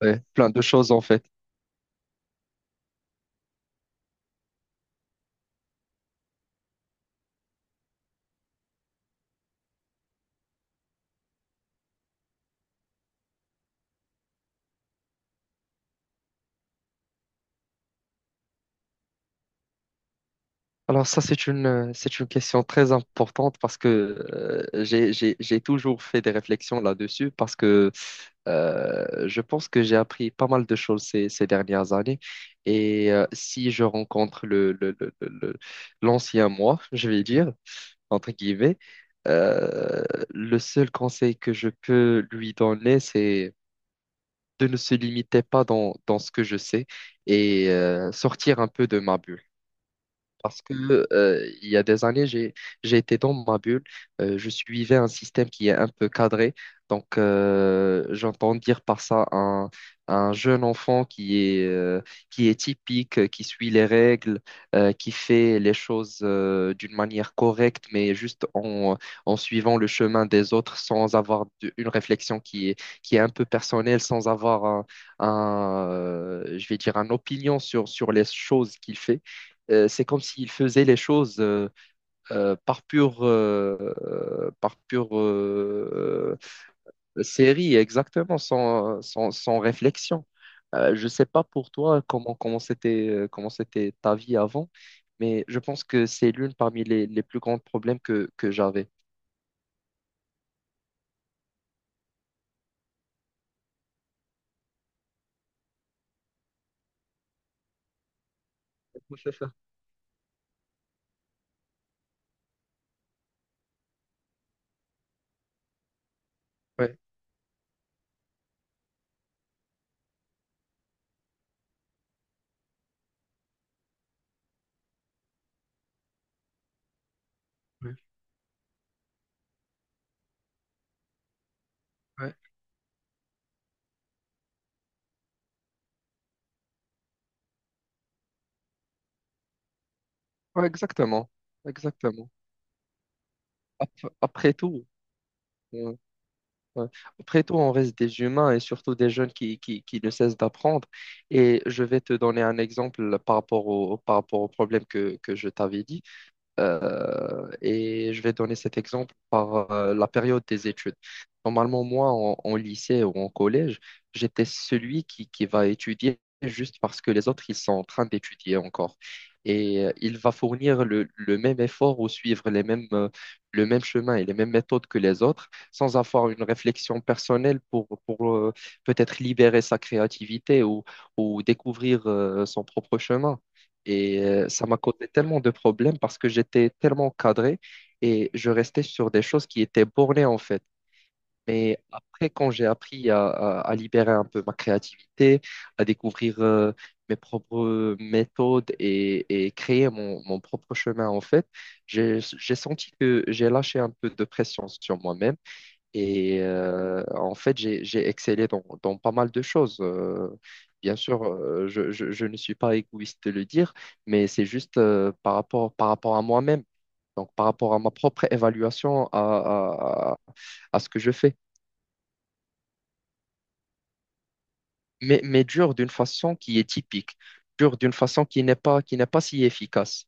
Ouais, plein de choses en fait. Alors ça, c'est une question très importante parce que j'ai toujours fait des réflexions là-dessus parce que je pense que j'ai appris pas mal de choses ces dernières années. Et si je rencontre l'ancien moi, je vais dire, entre guillemets, euh, le seul conseil que je peux lui donner, c'est de ne se limiter pas dans ce que je sais et sortir un peu de ma bulle. Parce que il y a des années, j'ai été dans ma bulle. Je suivais un système qui est un peu cadré. Donc, j'entends dire par ça un jeune enfant qui est typique, qui suit les règles, qui fait les choses d'une manière correcte, mais juste en suivant le chemin des autres sans avoir une réflexion qui est un peu personnelle, sans avoir je vais dire, une opinion sur les choses qu'il fait. C'est comme s'il faisait les choses par pure série, exactement, sans réflexion. Je ne sais pas pour toi comment c'était ta vie avant, mais je pense que c'est l'une parmi les plus grands problèmes que j'avais. Oui, c'est ça. Ouais, ouais, ouais. Ouais, exactement, exactement. Après tout. Ouais. Après tout, on reste des humains et surtout des jeunes qui ne cessent d'apprendre. Et je vais te donner un exemple par rapport au problème que je t'avais dit. Et je vais donner cet exemple par la période des études. Normalement, moi, en lycée ou en collège, j'étais celui qui va étudier juste parce que les autres, ils sont en train d'étudier encore. Et il va fournir le même effort ou suivre le même chemin et les mêmes méthodes que les autres sans avoir une réflexion personnelle pour peut-être libérer sa créativité ou découvrir son propre chemin. Et ça m'a causé tellement de problèmes parce que j'étais tellement cadré et je restais sur des choses qui étaient bornées en fait. Mais après, quand j'ai appris à libérer un peu ma créativité, à découvrir mes propres méthodes et créer mon propre chemin en fait, j'ai senti que j'ai lâché un peu de pression sur moi-même et en fait, j'ai excellé dans pas mal de choses. Bien sûr, je ne suis pas égoïste de le dire, mais c'est juste par rapport à moi-même, donc par rapport à ma propre évaluation à ce que je fais. Mais dur d'une façon qui est typique, dur d'une façon qui n'est pas si efficace.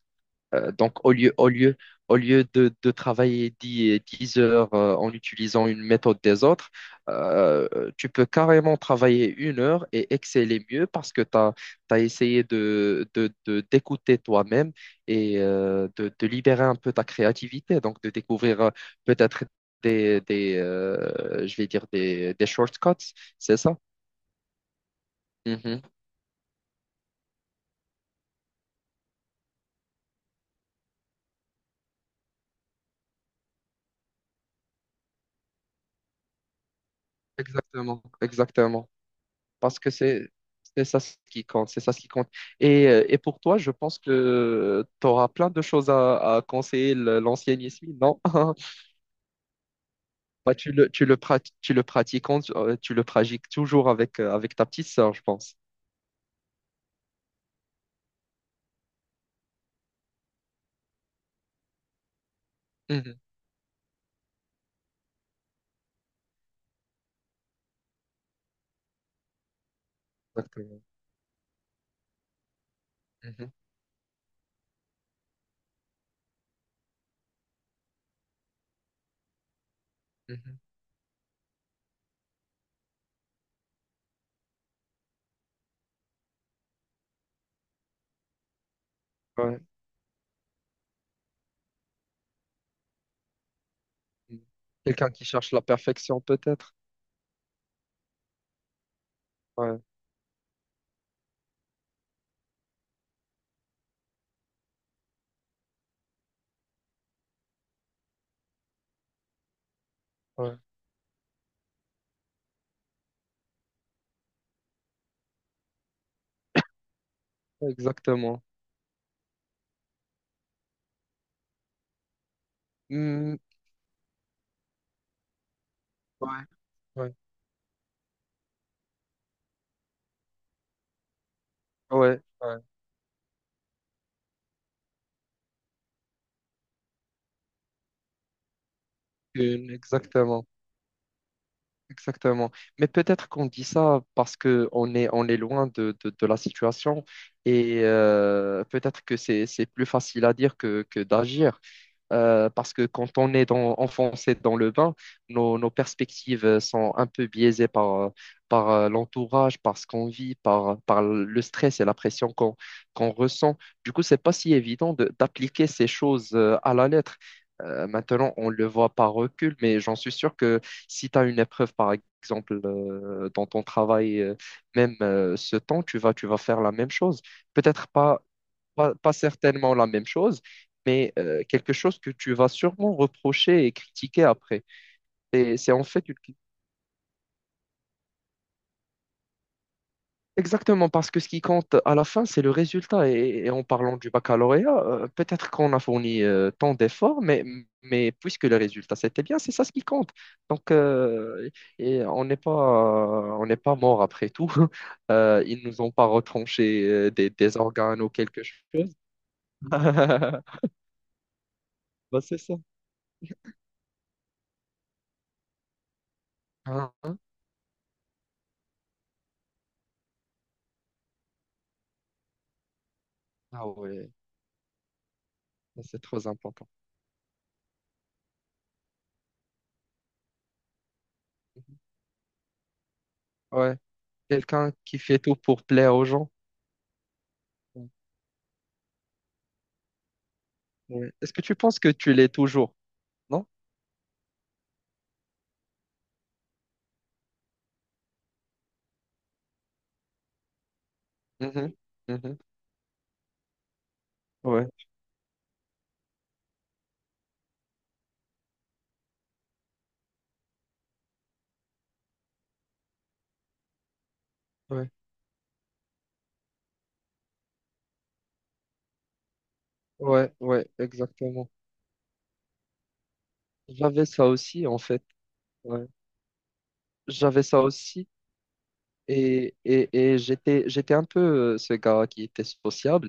Donc, au lieu de travailler dix heures en utilisant une méthode des autres, tu peux carrément travailler 1 heure et exceller mieux parce que tu as essayé d'écouter toi-même et de libérer un peu ta créativité, donc de découvrir peut-être des je vais dire des shortcuts, c'est ça? Mhm. Exactement, exactement. Parce que c'est ça ce qui compte, c'est ça ce qui compte. Et pour toi, je pense que tu auras plein de choses à conseiller l'ancien Yasmine, non? Bah, tu le pratiques toujours avec ta petite sœur, je pense. Mhm. Exactement. Mhm, mhm. Ouais. Mhm. Quelqu'un qui cherche la perfection, peut-être. Ouais, ouais, exactement. Hmm, ouais, ouais, ouais, ouais. Une, exactement. Exactement. Mais peut-être qu'on dit ça parce que on est loin de la situation et peut-être que c'est plus facile à dire que d'agir parce que quand on est enfoncé dans le bain, nos perspectives sont un peu biaisées par l'entourage, par ce qu'on vit, par le stress et la pression qu'on ressent. Du coup, c'est pas si évident d'appliquer ces choses à la lettre. Maintenant, on le voit par recul, mais j'en suis sûr que si tu as une épreuve, par exemple, dans ton travail, même, ce temps, tu vas faire la même chose. Peut-être pas, pas certainement la même chose, mais quelque chose que tu vas sûrement reprocher et critiquer après. Et c'est en fait une... Exactement, parce que ce qui compte à la fin, c'est le résultat. Et en parlant du baccalauréat, peut-être qu'on a fourni tant d'efforts, mais puisque le résultat c'était bien, c'est ça ce qui compte. Donc, on n'est pas mort après tout. Ils nous ont pas retranché des organes ou quelque chose. Bah, c'est ça. Hein? Hein. Ah ouais. C'est trop important. Ouais, quelqu'un qui fait tout pour plaire aux gens. Ouais. Est-ce que tu penses que tu l'es toujours? Non? Mhm, mhm. Ouais, ouais, ouais, ouais, exactement. J'avais ça aussi, en fait. Ouais. J'avais ça aussi. Et j'étais un peu ce gars qui était sociable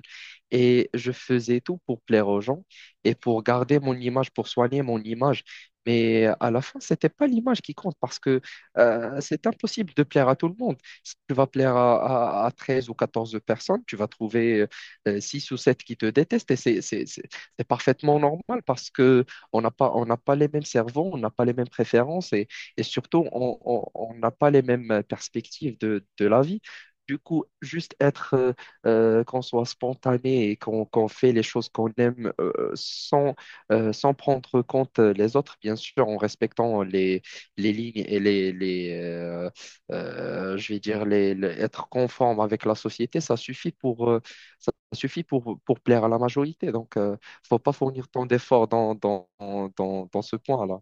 et je faisais tout pour plaire aux gens et pour garder mon image, pour soigner mon image. Mais à la fin, c'était pas l'image qui compte parce que c'est impossible de plaire à tout le monde. Si tu vas plaire à 13 ou 14 personnes, tu vas trouver 6 ou 7 qui te détestent et c'est parfaitement normal parce que on n'a pas les mêmes cerveaux, on n'a pas les mêmes préférences et surtout, on n'a pas les mêmes perspectives de la vie. Du coup, juste qu'on soit spontané et qu'on fait les choses qu'on aime sans, sans prendre compte les autres, bien sûr, en respectant les lignes et les, je vais dire, être conforme avec la société, ça suffit pour plaire à la majorité. Donc, faut pas fournir tant d'efforts dans ce point-là.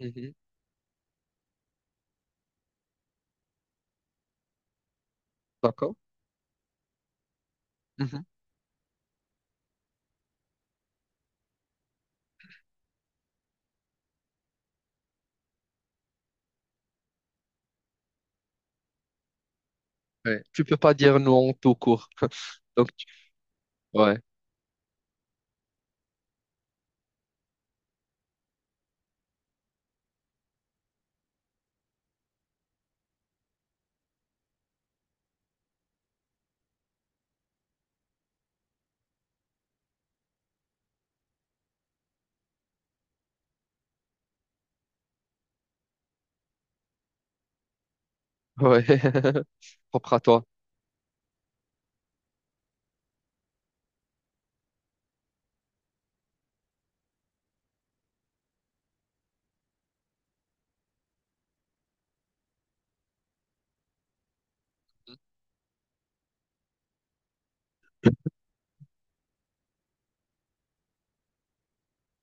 Mhm. D'accord? Mhm. Ouais. Tu peux pas dire non tout court. Donc, ouais, ouais. Propre à toi.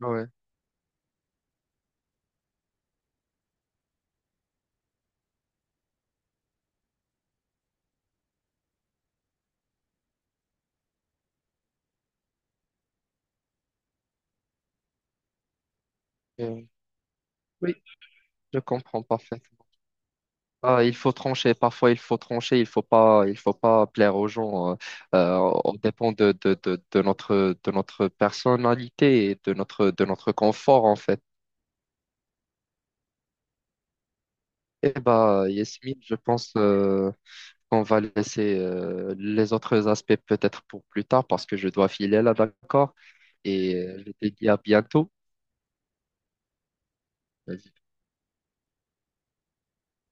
Ouais. Euh, oui, je comprends parfaitement. Ah, il faut trancher, parfois il faut trancher, il faut pas plaire aux gens. On dépend de notre personnalité et de notre confort en fait. Eh bah, Yasmine, je pense qu'on va laisser les autres aspects peut-être pour plus tard parce que je dois filer là, d'accord? Et je te dis à bientôt.